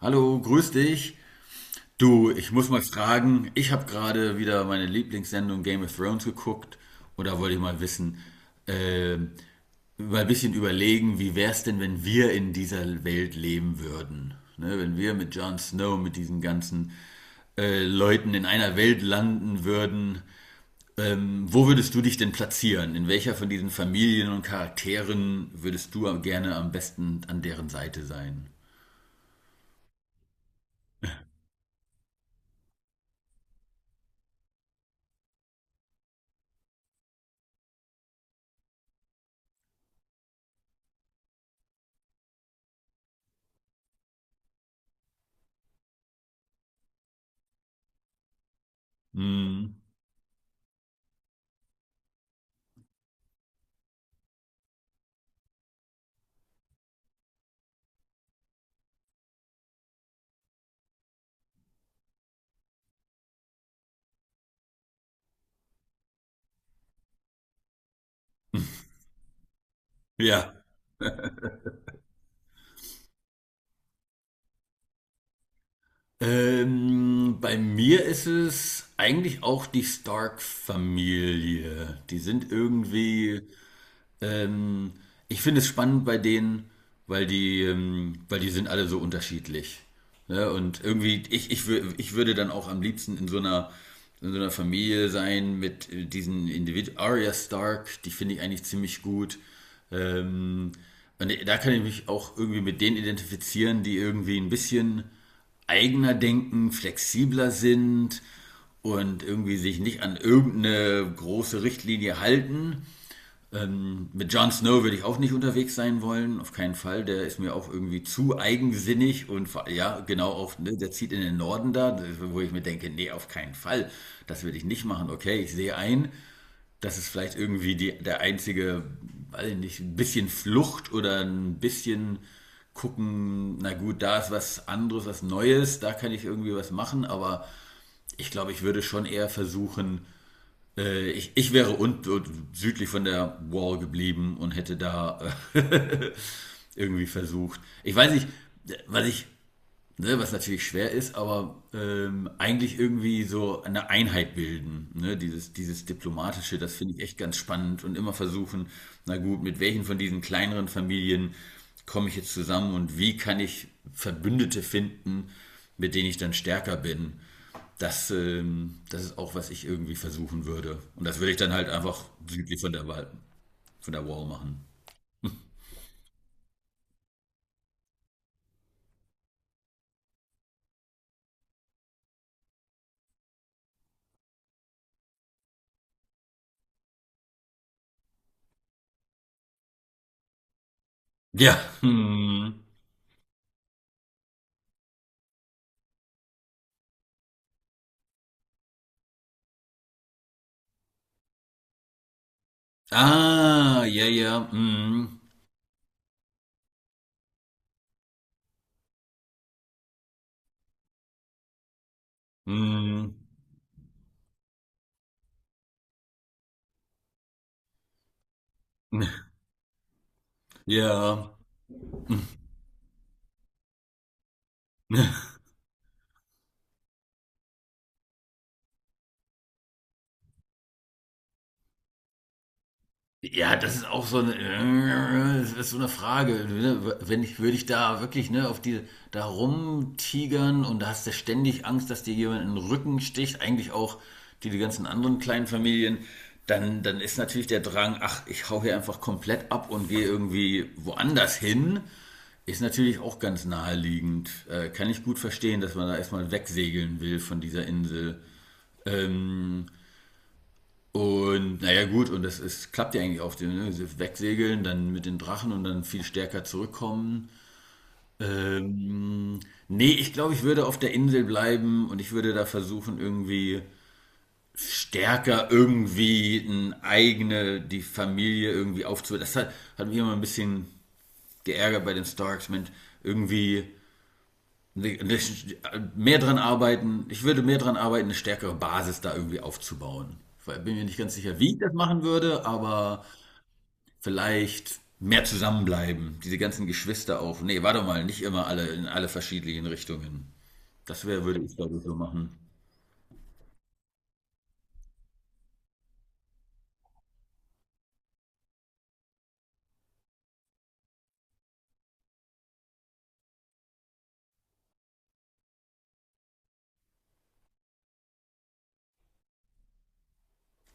Hallo, grüß dich. Du, ich muss mal fragen, ich habe gerade wieder meine Lieblingssendung Game of Thrones geguckt und da wollte ich mal wissen, äh, mal ein bisschen überlegen, wie wär's denn, wenn wir in dieser Welt leben würden? Ne, wenn wir mit Jon Snow, mit diesen ganzen Leuten in einer Welt landen würden, wo würdest du dich denn platzieren? In welcher von diesen Familien und Charakteren würdest du gerne am besten an deren Seite sein? Hm, ja. Bei mir ist es eigentlich auch die Stark-Familie. Die sind irgendwie ähm, ich finde es spannend bei denen, weil weil die sind alle so unterschiedlich. Ne? Und irgendwie, ich würde dann auch am liebsten in so einer Familie sein mit diesen Individuen. Arya Stark, die finde ich eigentlich ziemlich gut. Ähm, und da kann ich mich auch irgendwie mit denen identifizieren, die irgendwie ein bisschen eigener denken, flexibler sind und irgendwie sich nicht an irgendeine große Richtlinie halten, mit Jon Snow würde ich auch nicht unterwegs sein wollen, auf keinen Fall. Der ist mir auch irgendwie zu eigensinnig und ja, genau auch, ne, der zieht in den Norden da, wo ich mir denke, nee, auf keinen Fall. Das würde ich nicht machen. Okay, ich sehe ein, das ist vielleicht irgendwie der einzige, weiß ich nicht, ein bisschen Flucht oder ein bisschen gucken, na gut, da ist was anderes, was Neues, da kann ich irgendwie was machen, aber ich glaube, ich würde schon eher versuchen, ich wäre südlich von der Wall geblieben und hätte da äh, irgendwie versucht. Ich weiß nicht, was ich, ne, was natürlich schwer ist, aber eigentlich irgendwie so eine Einheit bilden. Ne? Dieses Diplomatische, das finde ich echt ganz spannend und immer versuchen, na gut, mit welchen von diesen kleineren Familien komme ich jetzt zusammen und wie kann ich Verbündete finden, mit denen ich dann stärker bin das, das ist auch, was ich irgendwie versuchen würde. Und das würde ich dann halt einfach südlich von der Wall machen. Ja. Hm. Ah, ja, ja. Hm. Hm. Ja. Ja, das ist auch so das ist so eine Frage. Ne? Wenn ich, würde ich da wirklich ne, auf die da rumtigern und da hast du ständig Angst, dass dir jemand in den Rücken sticht, eigentlich auch die, die ganzen anderen kleinen Familien, dann ist natürlich der Drang, ach, ich hau hier einfach komplett ab und gehe irgendwie woanders hin, ist natürlich auch ganz naheliegend. Kann ich gut verstehen, dass man da erstmal wegsegeln will von dieser Insel. Ähm, und naja, gut, und das ist, klappt ja eigentlich auf dem, ne? Sie Wegsegeln, dann mit den Drachen und dann viel stärker zurückkommen. Ähm, nee, ich glaube, ich würde auf der Insel bleiben und ich würde da versuchen, irgendwie stärker irgendwie eine eigene, die Familie irgendwie aufzubauen. Das hat mich immer ein bisschen geärgert bei den Starks, Mensch, irgendwie mehr dran arbeiten, ich würde mehr dran arbeiten, eine stärkere Basis da irgendwie aufzubauen. Ich bin mir nicht ganz sicher, wie ich das machen würde, aber vielleicht mehr zusammenbleiben, diese ganzen Geschwister auf. Nee, warte mal, nicht immer alle in alle verschiedenen Richtungen. Würde ich glaube ich so machen.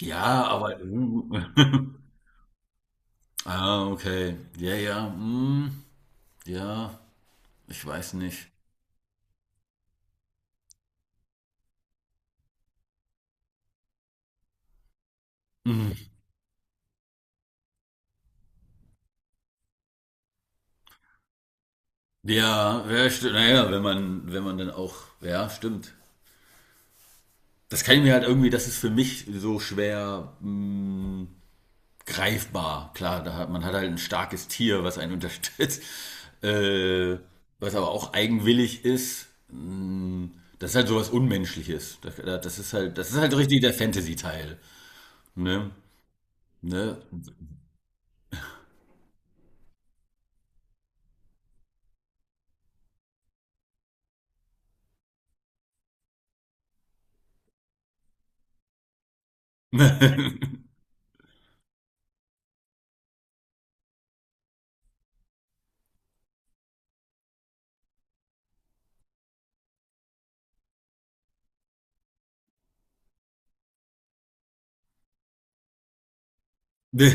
Ja, aber. ah, okay. Ja, ja. Hm, ja, ich weiß nicht. Hm. Ja, ja, stimmt. Naja, wenn man, wenn man dann auch. Ja, stimmt. Das kann ich mir halt irgendwie, das ist für mich so schwer. Hm, greifbar. Klar, da hat, man hat halt ein starkes Tier, was einen unterstützt, äh, was aber auch eigenwillig ist. Das ist halt sowas Unmenschliches. Das ist halt richtig der Fantasy-Teil. Ne? Ne? Ne?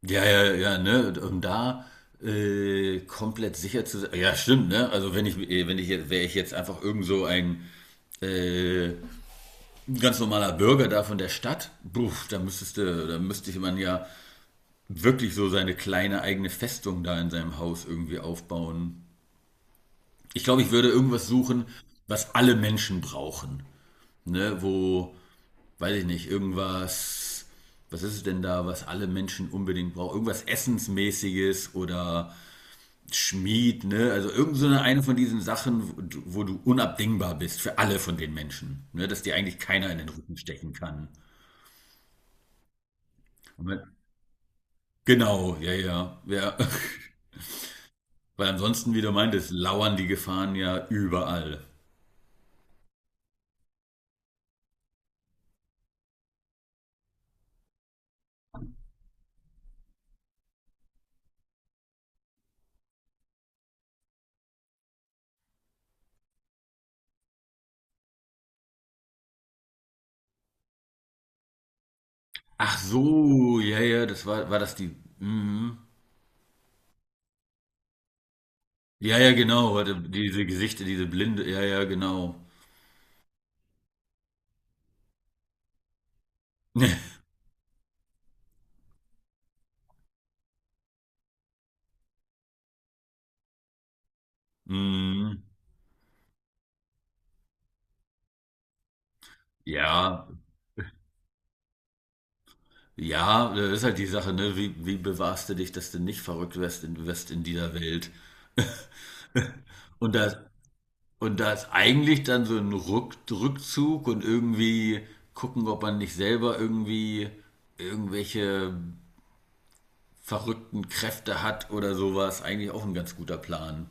Ja, ja, ja, ne? Um da komplett sicher zu sein. Ja, stimmt, ne? Also wenn ich, wenn ich jetzt, wäre ich jetzt einfach irgend so ein äh, ganz normaler Bürger da von der Stadt, buff, da müsstest du, da müsste ich man ja wirklich so seine kleine eigene Festung da in seinem Haus irgendwie aufbauen. Ich glaube, ich würde irgendwas suchen, was alle Menschen brauchen. Ne? Wo, weiß ich nicht, irgendwas, was ist es denn da, was alle Menschen unbedingt brauchen? Irgendwas Essensmäßiges oder Schmied, ne? Also irgend so eine von diesen Sachen, wo du unabdingbar bist für alle von den Menschen. Ne? Dass dir eigentlich keiner in den Rücken stechen kann. Und wenn- Genau, ja, ja, ja. Weil ansonsten, wie du meintest, lauern die Gefahren ja überall. Ach so, ja, ja, war das die. Mhm. Ja, ja, genau, hatte diese Gesichter, diese Blinde, ja, ja, genau. Mhm. Ja, ja, das ist halt die Sache, ne? Wie, wie bewahrst du dich, dass du nicht verrückt wirst wirst in dieser Welt? Und das, und da ist eigentlich dann so ein Rückzug und irgendwie gucken, ob man nicht selber irgendwie irgendwelche verrückten Kräfte hat oder sowas. Eigentlich auch ein ganz guter Plan.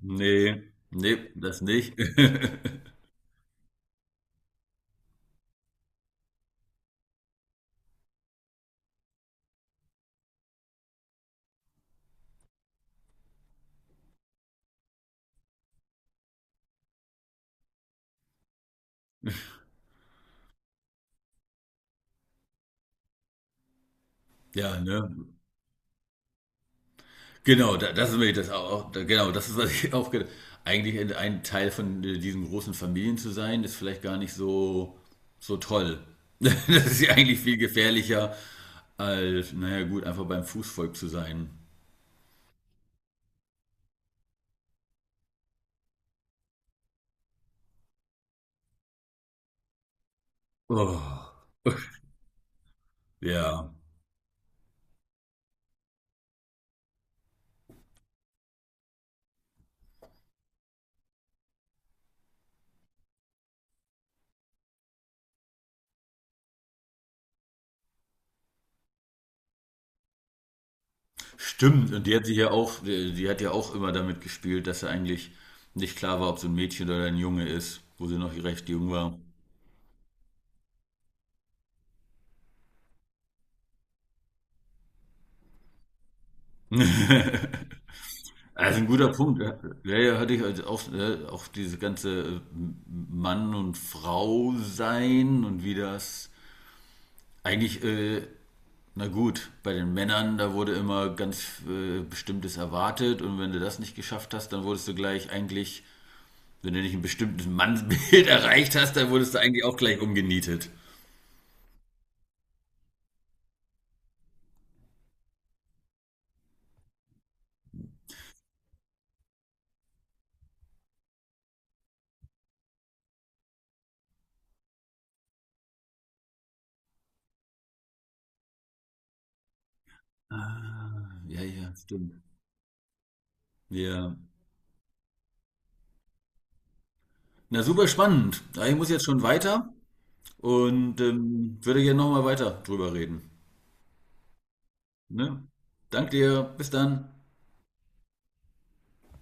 Nee, nee, das nicht. Ja, ne? Genau, da, das ist mir das auch, da, genau, das ist, was ich auch gedacht. Eigentlich ein- Teil von diesen großen Familien zu sein, ist vielleicht gar nicht so, so toll. Das ist ja eigentlich viel gefährlicher, als, naja, gut, einfach beim Fußvolk zu sein. Oh, ja. Stimmt, und die hat sich ja auch, die hat ja auch immer damit gespielt, dass sie eigentlich nicht klar war, ob so ein Mädchen oder ein Junge ist, wo sie noch recht jung war. Also ein guter Punkt. Ja, ja, ja, hatte ich also auch, auch diese ganze Mann und Frau sein und wie das eigentlich, na gut, bei den Männern, da wurde immer ganz Bestimmtes erwartet und wenn du das nicht geschafft hast, dann wurdest du gleich eigentlich. Wenn du nicht ein bestimmtes Mannsbild erreicht hast, dann wurdest du eigentlich auch gleich umgenietet. Ah, ja, ja, stimmt. Ja. Na, super spannend. Ja, ich muss jetzt schon weiter und würde gerne nochmal weiter drüber reden. Ne? Danke dir. Bis dann.